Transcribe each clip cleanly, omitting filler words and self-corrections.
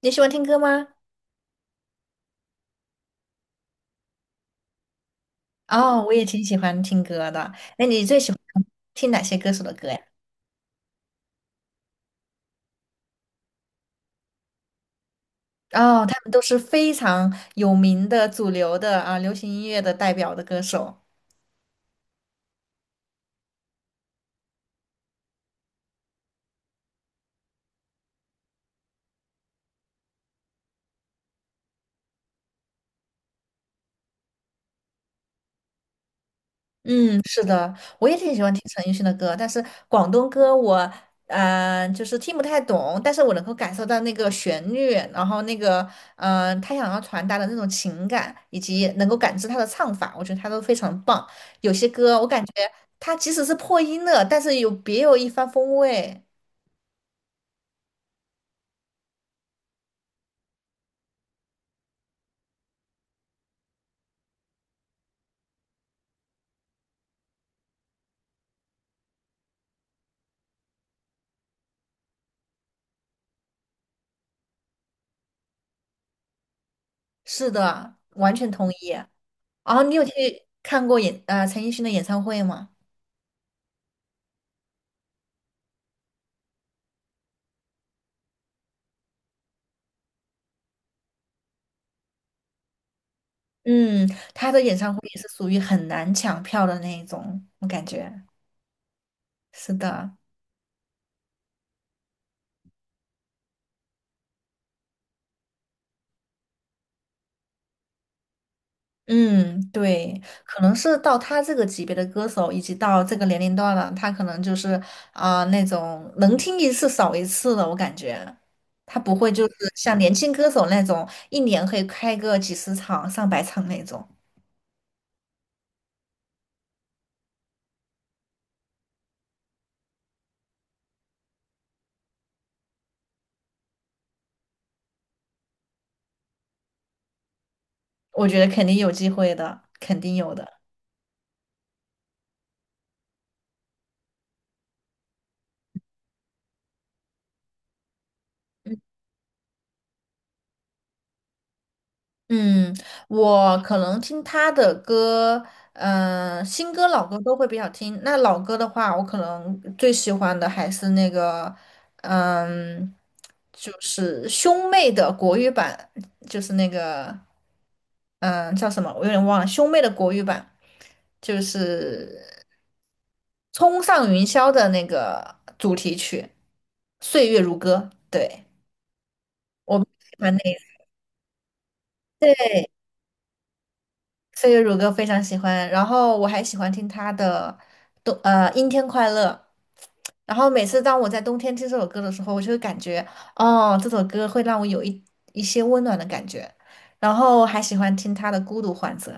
你喜欢听歌吗？哦，我也挺喜欢听歌的。那你最喜欢听哪些歌手的歌呀？哦，他们都是非常有名的主流的啊，流行音乐的代表的歌手。是的，我也挺喜欢听陈奕迅的歌，但是广东歌我就是听不太懂，但是我能够感受到那个旋律，然后那个他想要传达的那种情感，以及能够感知他的唱法，我觉得他都非常棒。有些歌我感觉他即使是破音了，但是有别有一番风味。是的，完全同意。然后你有去看过陈奕迅的演唱会吗？嗯，他的演唱会也是属于很难抢票的那一种，我感觉。是的，嗯，对，可能是到他这个级别的歌手，以及到这个年龄段了，他可能就是啊、那种能听一次少一次的，我感觉他不会就是像年轻歌手那种一年可以开个几十场、上百场那种，我觉得肯定有机会的，肯定有的。嗯，我可能听他的歌，嗯、新歌、老歌都会比较听。那老歌的话，我可能最喜欢的还是那个，嗯，就是兄妹的国语版，就是那个，嗯，叫什么？我有点忘了，兄妹的国语版就是《冲上云霄》的那个主题曲《岁月如歌》。对，我喜欢那对。岁月如歌非常喜欢，然后我还喜欢听他的《阴天快乐》，然后每次当我在冬天听这首歌的时候，我就会感觉哦，这首歌会让我有一些温暖的感觉，然后还喜欢听他的《孤独患者》。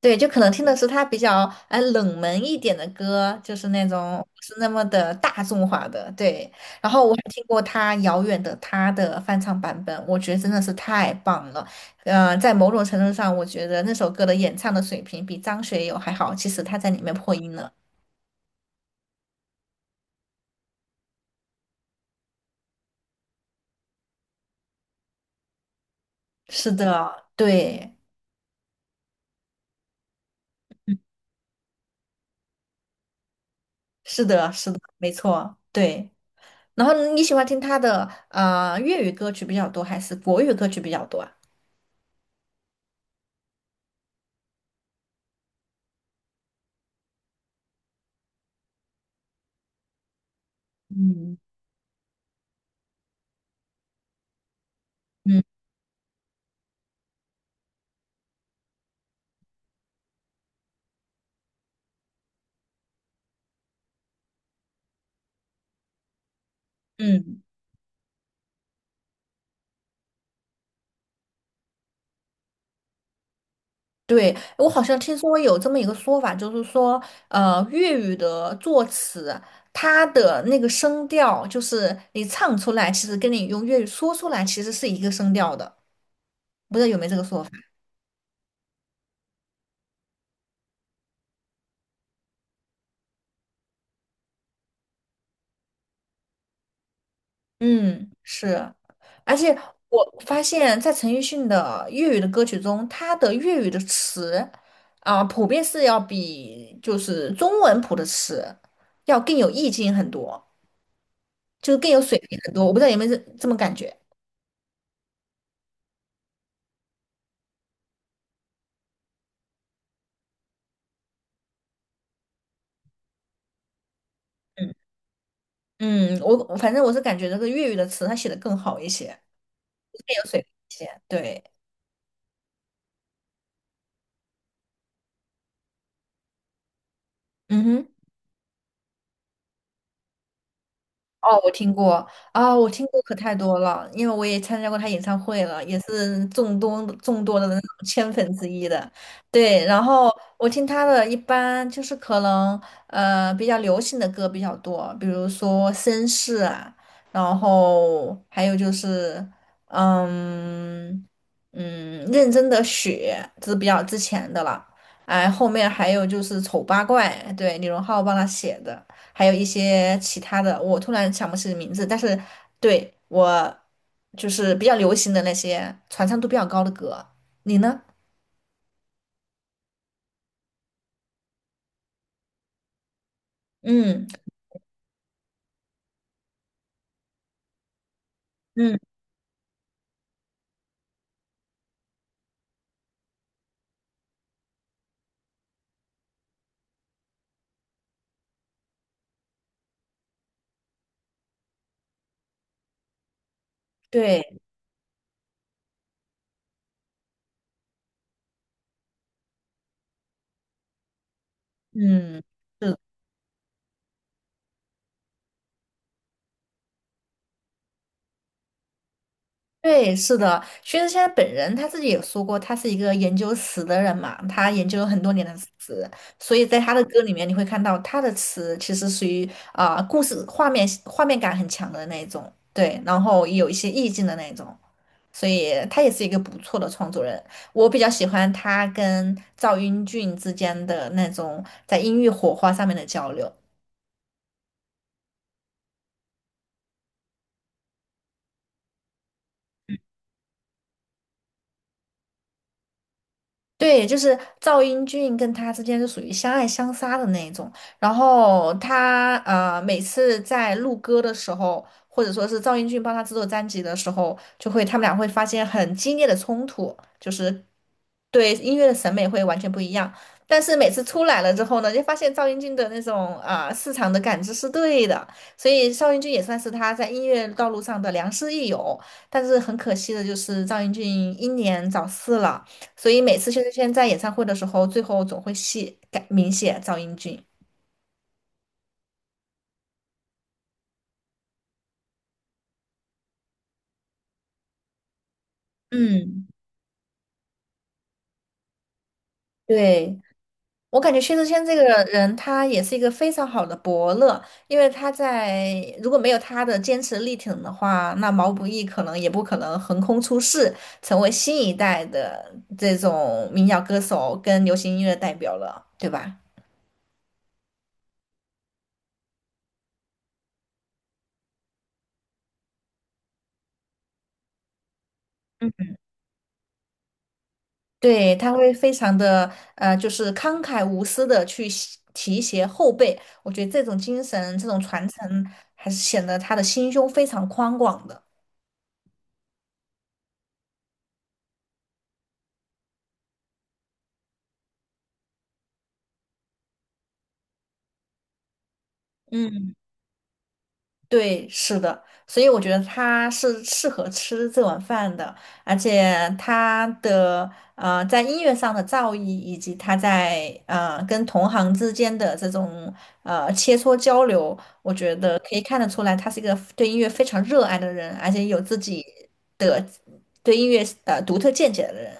对，就可能听的是他比较冷门一点的歌，就是那种不是那么的大众化的。对，然后我还听过他《遥远的他》的翻唱版本，我觉得真的是太棒了。呃，在某种程度上，我觉得那首歌的演唱的水平比张学友还好。其实他在里面破音了。是的，对，是的，是的，没错，对。然后你喜欢听他的粤语歌曲比较多，还是国语歌曲比较多啊？嗯。嗯嗯。对，我好像听说有这么一个说法，就是说，呃，粤语的作词，它的那个声调，就是你唱出来，其实跟你用粤语说出来，其实是一个声调的。不知道有没有这个说法？嗯，是。而且我发现，在陈奕迅的粤语的歌曲中，他的粤语的词啊，普遍是要比就是中文谱的词要更有意境很多，就是更有水平很多。我不知道有没有这么感觉。嗯。嗯，我反正我是感觉这个粤语的词它写的更好一些，更有水平一些。对，嗯哼。哦，我听过啊，我听过可太多了，因为我也参加过他演唱会了，也是众多众多的那种千粉之一的。对，然后我听他的一般就是可能比较流行的歌比较多，比如说绅士啊，然后还有就是嗯嗯认真的雪，这是比较之前的了。哎，后面还有就是丑八怪，对，李荣浩帮他写的。还有一些其他的，我突然想不起名字，但是对我就是比较流行的那些传唱度比较高的歌，你呢？嗯嗯，对，嗯，是，对，是的，薛之谦本人他自己也说过，他是一个研究词的人嘛，他研究了很多年的词，所以在他的歌里面你会看到他的词其实属于啊、故事画面感很强的那一种，对，然后有一些意境的那一种。所以他也是一个不错的创作人。我比较喜欢他跟赵英俊之间的那种在音乐火花上面的交流。对，就是赵英俊跟他之间是属于相爱相杀的那一种。然后他，每次在录歌的时候，或者说是赵英俊帮他制作专辑的时候，就会他们俩会发现很激烈的冲突，就是对音乐的审美会完全不一样。但是每次出来了之后呢，就发现赵英俊的那种啊、市场的感知是对的，所以赵英俊也算是他在音乐道路上的良师益友。但是很可惜的就是赵英俊英年早逝了。所以每次薛之谦在演唱会的时候，最后总会写改明写赵英俊。嗯对，我感觉薛之谦这个人，他也是一个非常好的伯乐，因为他在如果没有他的坚持力挺的话，那毛不易可能也不可能横空出世，成为新一代的这种民谣歌手跟流行音乐代表了，对吧？嗯。对，他会非常的，就是慷慨无私的去洗提携后辈，我觉得这种精神、这种传承，还是显得他的心胸非常宽广的。嗯。对，是的，所以我觉得他是适合吃这碗饭的，而且他的在音乐上的造诣，以及他在跟同行之间的这种切磋交流，我觉得可以看得出来，他是一个对音乐非常热爱的人，而且有自己的对音乐独特见解的人。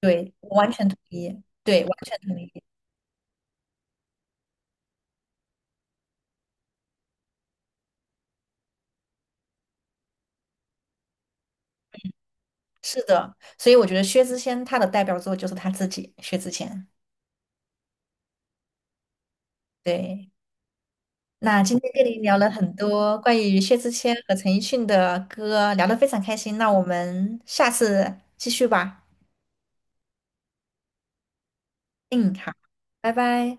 对，我完全同意，对，完全同意，是的，所以我觉得薛之谦他的代表作就是他自己，薛之谦，对。那今天跟您聊了很多关于薛之谦和陈奕迅的歌，聊得非常开心。那我们下次继续吧。嗯，好，拜拜。